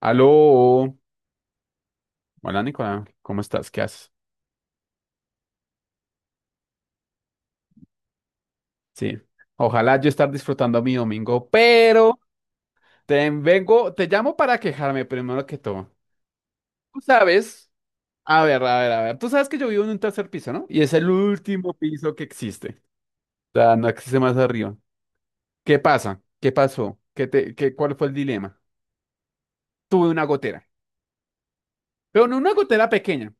Aló, hola Nicolás, ¿cómo estás? ¿Qué haces? Sí, ojalá yo estar disfrutando mi domingo, pero te llamo para quejarme primero que todo. Tú sabes, a ver, a ver, a ver, tú sabes que yo vivo en un tercer piso, ¿no? Y es el último piso que existe. O sea, no existe más arriba. ¿Qué pasa? ¿Qué pasó? ¿ Cuál fue el dilema? Tuve una gotera, pero no una gotera pequeña.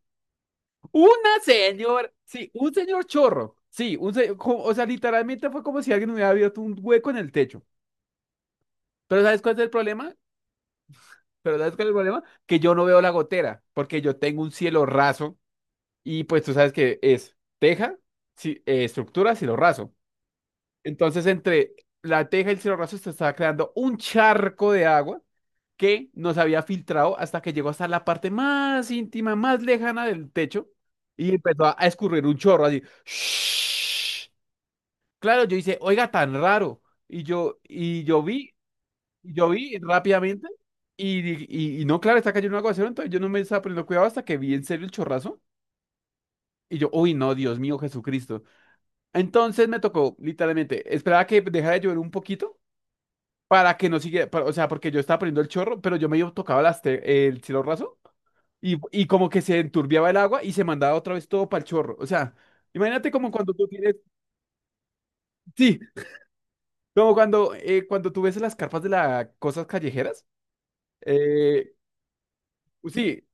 Sí, un señor chorro. Sí, o sea, literalmente fue como si alguien hubiera abierto un hueco en el techo. Pero ¿sabes cuál es el problema? Pero ¿sabes cuál es el problema? Que yo no veo la gotera, porque yo tengo un cielo raso y pues tú sabes que es teja, estructura, cielo raso. Entonces entre la teja y el cielo raso se estaba creando un charco de agua que nos había filtrado hasta que llegó hasta la parte más íntima, más lejana del techo y empezó a escurrir un chorro así. Claro, yo hice, oiga, tan raro. Y yo, y yo vi Y yo vi rápidamente y, y no, claro, está cayendo un aguacero, entonces yo no me estaba poniendo cuidado hasta que vi en serio el chorrazo. Y yo, uy, no, Dios mío, Jesucristo. Entonces me tocó, literalmente, esperaba que dejara de llover un poquito para que no siguiera, o sea, porque yo estaba poniendo el chorro, pero yo medio tocaba el cielo raso y como que se enturbiaba el agua y se mandaba otra vez todo para el chorro. O sea, imagínate como cuando tú tienes, sí, cuando tú ves las carpas de las cosas callejeras. Eh, Sí,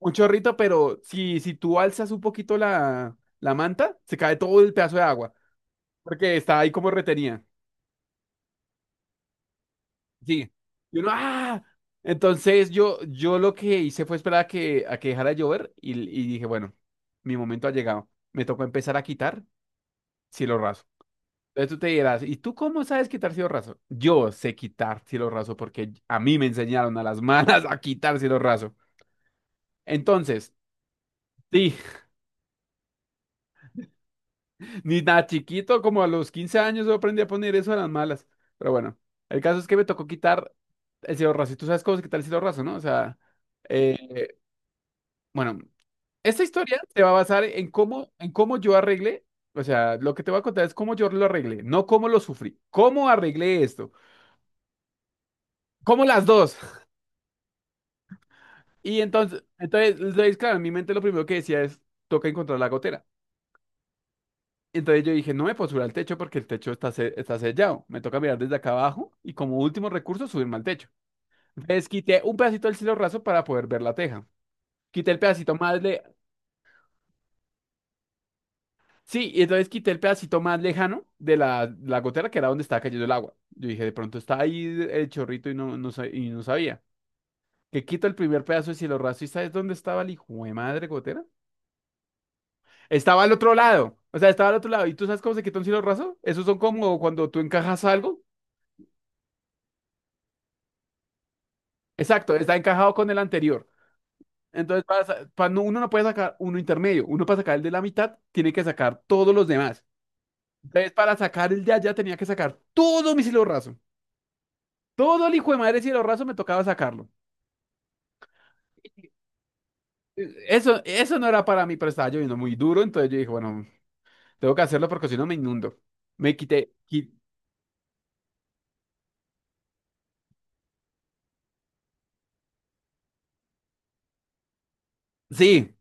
un chorrito, pero si tú alzas un poquito la manta, se cae todo el pedazo de agua, porque está ahí como retenida. Sí. Y uno, ¡ah! Entonces yo lo que hice fue esperar a que dejara de llover y dije, bueno, mi momento ha llegado. Me tocó empezar a quitar cielo raso. Entonces tú te dirás, ¿y tú cómo sabes quitar cielo raso? Yo sé quitar cielo raso porque a mí me enseñaron a las malas a quitar cielo raso. Entonces, sí. Ni nada chiquito, como a los 15 años yo aprendí a poner eso a las malas. Pero bueno, el caso es que me tocó quitar el cielo raso. Y tú sabes cómo se quita el cielo raso, ¿no? O sea, eh, bueno, esta historia se va a basar en cómo yo arreglé. O sea, lo que te voy a contar es cómo yo lo arreglé, no cómo lo sufrí. ¿Cómo arreglé esto? ¿Cómo las dos? Y entonces, claro, en mi mente lo primero que decía es, toca encontrar la gotera. Entonces yo dije, no me puedo subir al techo porque el techo está sellado. Me toca mirar desde acá abajo y como último recurso subirme al techo. Entonces quité un pedacito del cielo raso para poder ver la teja. Quité el pedacito más le... Sí, y entonces quité el pedacito más lejano de la gotera, que era donde estaba cayendo el agua. Yo dije, de pronto está ahí el chorrito y y no sabía. Que quito el primer pedazo de cielo raso y ¿sabes dónde estaba el hijo de madre gotera? Estaba al otro lado. O sea, estaba al otro lado. ¿Y tú sabes cómo se quita un cielo raso? Esos son como cuando tú encajas algo. Exacto, está encajado con el anterior. Entonces, para, sa- para no- uno no puede sacar uno intermedio. Uno para sacar el de la mitad, tiene que sacar todos los demás. Entonces, para sacar el de allá tenía que sacar todo mi cielo raso. Todo el hijo de madre cielo raso me tocaba sacarlo. Eso no era para mí, pero estaba lloviendo muy duro, entonces yo dije, bueno, tengo que hacerlo porque si no me inundo. Me quité. Sí,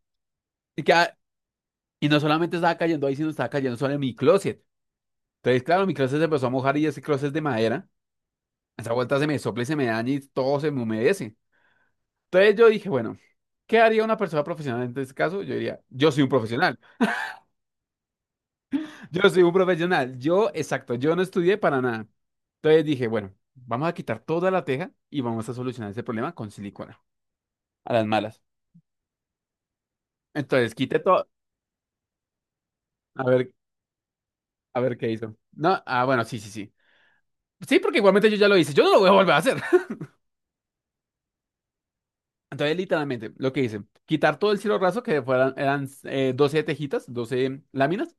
y, que, y no solamente estaba cayendo ahí, sino estaba cayendo sobre mi closet. Entonces, claro, mi closet se empezó a mojar y ese closet es de madera. Esa vuelta se me sopla y se me daña y todo se me humedece. Entonces yo dije, bueno, ¿qué haría una persona profesional en este caso? Yo diría, yo soy un profesional. Yo soy un profesional. Yo, exacto, yo no estudié para nada. Entonces dije, bueno, vamos a quitar toda la teja y vamos a solucionar ese problema con silicona, a las malas. Entonces quité todo. A ver, a ver qué hizo. No, ah, bueno, sí, sí, sí. Sí, porque igualmente yo ya lo hice. Yo no lo voy a volver a hacer. Entonces, literalmente, lo que hice, quitar todo el cielo raso, eran 12 tejitas, 12 láminas.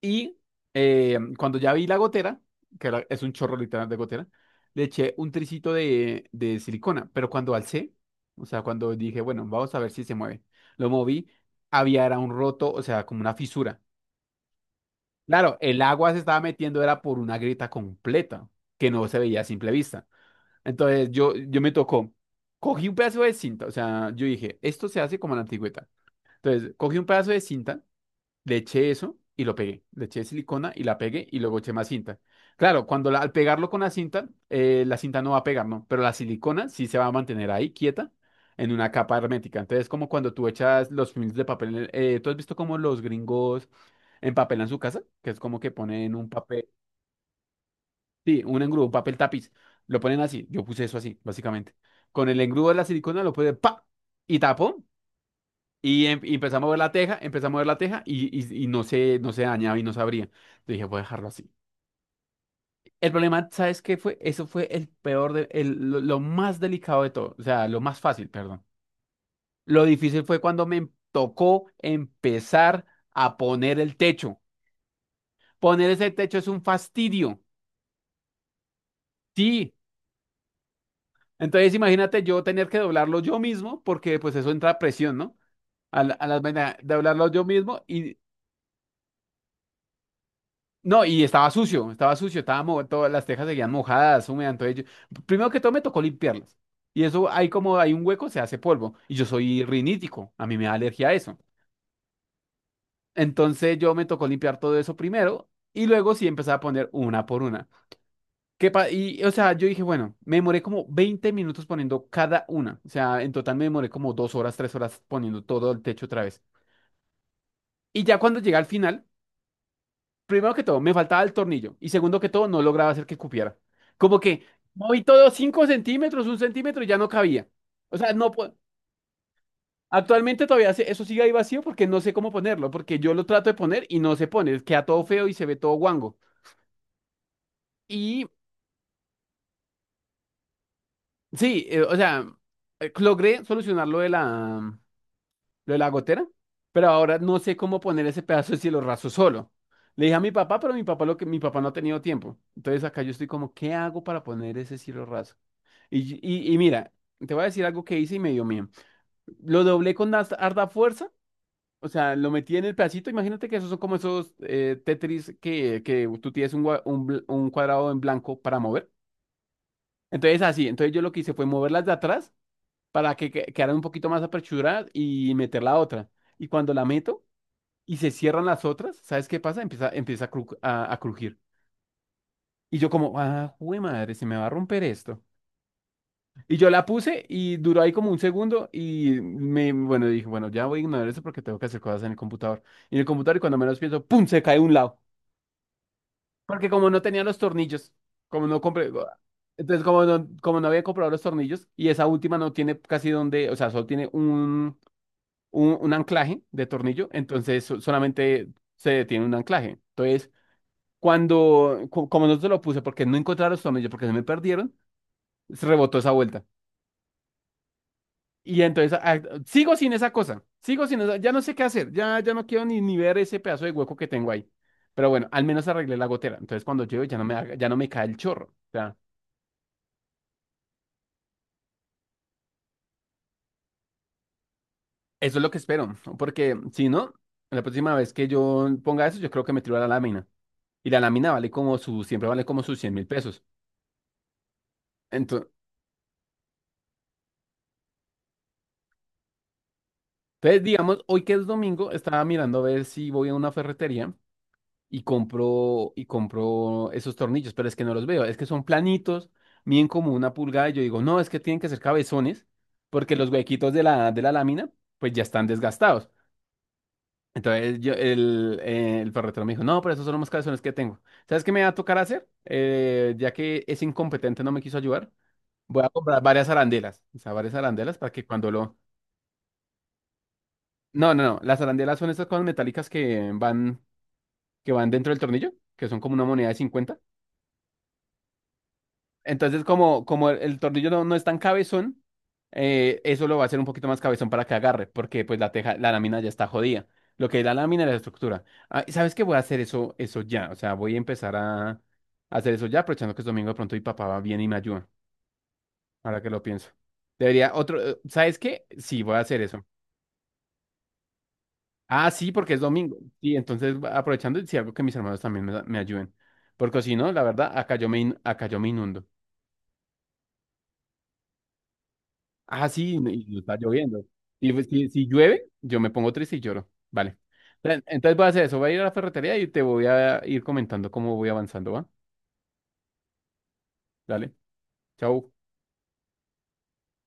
Y Cuando ya vi la gotera, que es un chorro literal de gotera, le eché un tricito de silicona. Pero cuando alcé, o sea, cuando dije, bueno, vamos a ver si se mueve, lo moví, había era un roto, o sea, como una fisura. Claro, el agua se estaba metiendo, era por una grieta completa, que no se veía a simple vista. Entonces yo me tocó, cogí un pedazo de cinta, o sea, yo dije, esto se hace como en la antigüedad. Entonces cogí un pedazo de cinta, le eché eso y lo pegué. Le eché silicona y la pegué y luego eché más cinta. Claro, cuando al pegarlo con la cinta no va a pegar, ¿no? Pero la silicona sí se va a mantener ahí quieta en una capa hermética. Entonces, como cuando tú echas los films de papel, ¿tú has visto cómo los gringos empapelan su casa? Que es como que ponen un papel, sí, un engrudo, un papel tapiz. Lo ponen así. Yo puse eso así, básicamente. Con el engrudo de la silicona lo puse, ¡pa! Y tapó. Y empecé a mover la teja, empecé a mover la teja y no se dañaba y no se abría. Yo dije, voy a dejarlo así. El problema, ¿sabes qué fue? Eso fue el peor, lo más delicado de todo, o sea, lo más fácil, perdón. Lo difícil fue cuando me tocó empezar a poner el techo. Poner ese techo es un fastidio. Sí. Entonces imagínate yo tener que doblarlo yo mismo porque pues eso entra presión, ¿no? A las vainas, doblarlo yo mismo y no, y estaba sucio, todas las tejas seguían mojadas, húmedas, entonces primero que todo me tocó limpiarlas. Y eso, ahí como hay un hueco, se hace polvo. Y yo soy rinítico, a mí me da alergia a eso. Entonces yo me tocó limpiar todo eso primero y luego sí empezaba a poner una por una. O sea, yo dije, bueno, me demoré como 20 minutos poniendo cada una. O sea, en total me demoré como 2 horas, 3 horas poniendo todo el techo otra vez. Y ya cuando llegué al final. Primero que todo, me faltaba el tornillo. Y segundo que todo, no lograba hacer que cupiera. Como que moví todo 5 centímetros, 1 centímetro y ya no cabía. O sea, no actualmente todavía eso sigue ahí vacío porque no sé cómo ponerlo, porque yo lo trato de poner y no se pone, queda todo feo y se ve todo guango. Y sí, o sea, logré solucionar lo de la, gotera, pero ahora no sé cómo poner ese pedazo de cielo raso solo. Le dije a mi papá, pero mi papá lo que mi papá no ha tenido tiempo. Entonces acá yo estoy como, ¿qué hago para poner ese cielo raso? Y mira, te voy a decir algo que hice y me dio miedo. Lo doblé con harta fuerza, o sea, lo metí en el pedacito. Imagínate que esos son como esos Tetris que tú tienes un, un cuadrado en blanco para mover. Entonces, así, entonces yo lo que hice fue moverlas de atrás para que quedaran un poquito más aperchuradas y meter la otra. Y cuando la meto y se cierran las otras, ¿sabes qué pasa? Empieza a crujir. Y yo como, ah, jue madre, se me va a romper esto. Y yo la puse y duró ahí como un segundo y me, bueno, dije, bueno, ya voy a ignorar eso porque tengo que hacer cosas en el computador. Y en el computador, y cuando menos pienso, ¡pum! Se cae un lado. Porque como no tenía los tornillos, como no compré, entonces como no, había comprado los tornillos y esa última no tiene casi donde, o sea, solo tiene un, anclaje de tornillo, entonces solamente se detiene un anclaje. Entonces, como no se lo puse porque no encontraba los tornillos, porque se me perdieron, se rebotó esa vuelta. Y entonces sigo sin esa cosa, sigo sin esa, ya no sé qué hacer, ya no quiero ni ver ese pedazo de hueco que tengo ahí. Pero bueno, al menos arreglé la gotera. Entonces cuando llueve ya no me cae el chorro. O sea, eso es lo que espero, porque si no, la próxima vez que yo ponga eso, yo creo que me tiro a la lámina. Y la lámina vale siempre vale como sus 100.000 pesos. Entonces, digamos, hoy que es domingo, estaba mirando a ver si voy a una ferretería y compro esos tornillos, pero es que no los veo, es que son planitos, miden como 1 pulgada, y yo digo, no, es que tienen que ser cabezones, porque los huequitos de la lámina, pues ya están desgastados. Entonces el ferretero me dijo, no, pero esos son los más cabezones que tengo. ¿Sabes qué me va a tocar hacer? Ya que ese incompetente no me quiso ayudar, voy a comprar varias arandelas, o sea, varias arandelas para que cuando lo. No, no, no, las arandelas son estas cosas metálicas que van dentro del tornillo, que son como una moneda de 50. Entonces, como el tornillo no es tan cabezón, eso lo va a hacer un poquito más cabezón para que agarre, porque pues la teja, la lámina ya está jodida. Lo que es la lámina es la estructura. Ah, y ¿sabes qué? Voy a hacer eso, eso ya. O sea, voy a empezar a hacer eso ya, aprovechando que es domingo de pronto y papá va bien y me ayuda. Ahora que lo pienso. Debería otro, ¿sabes qué? Sí, voy a hacer eso. Ah, sí, porque es domingo. Sí, entonces aprovechando y si algo que mis hermanos también me ayuden. Porque si no, la verdad, acá acá yo me inundo. Ah, sí, y está lloviendo. Y pues, si llueve, yo me pongo triste y lloro. Vale. Entonces voy a hacer eso. Voy a ir a la ferretería y te voy a ir comentando cómo voy avanzando, ¿va? Dale. Chao.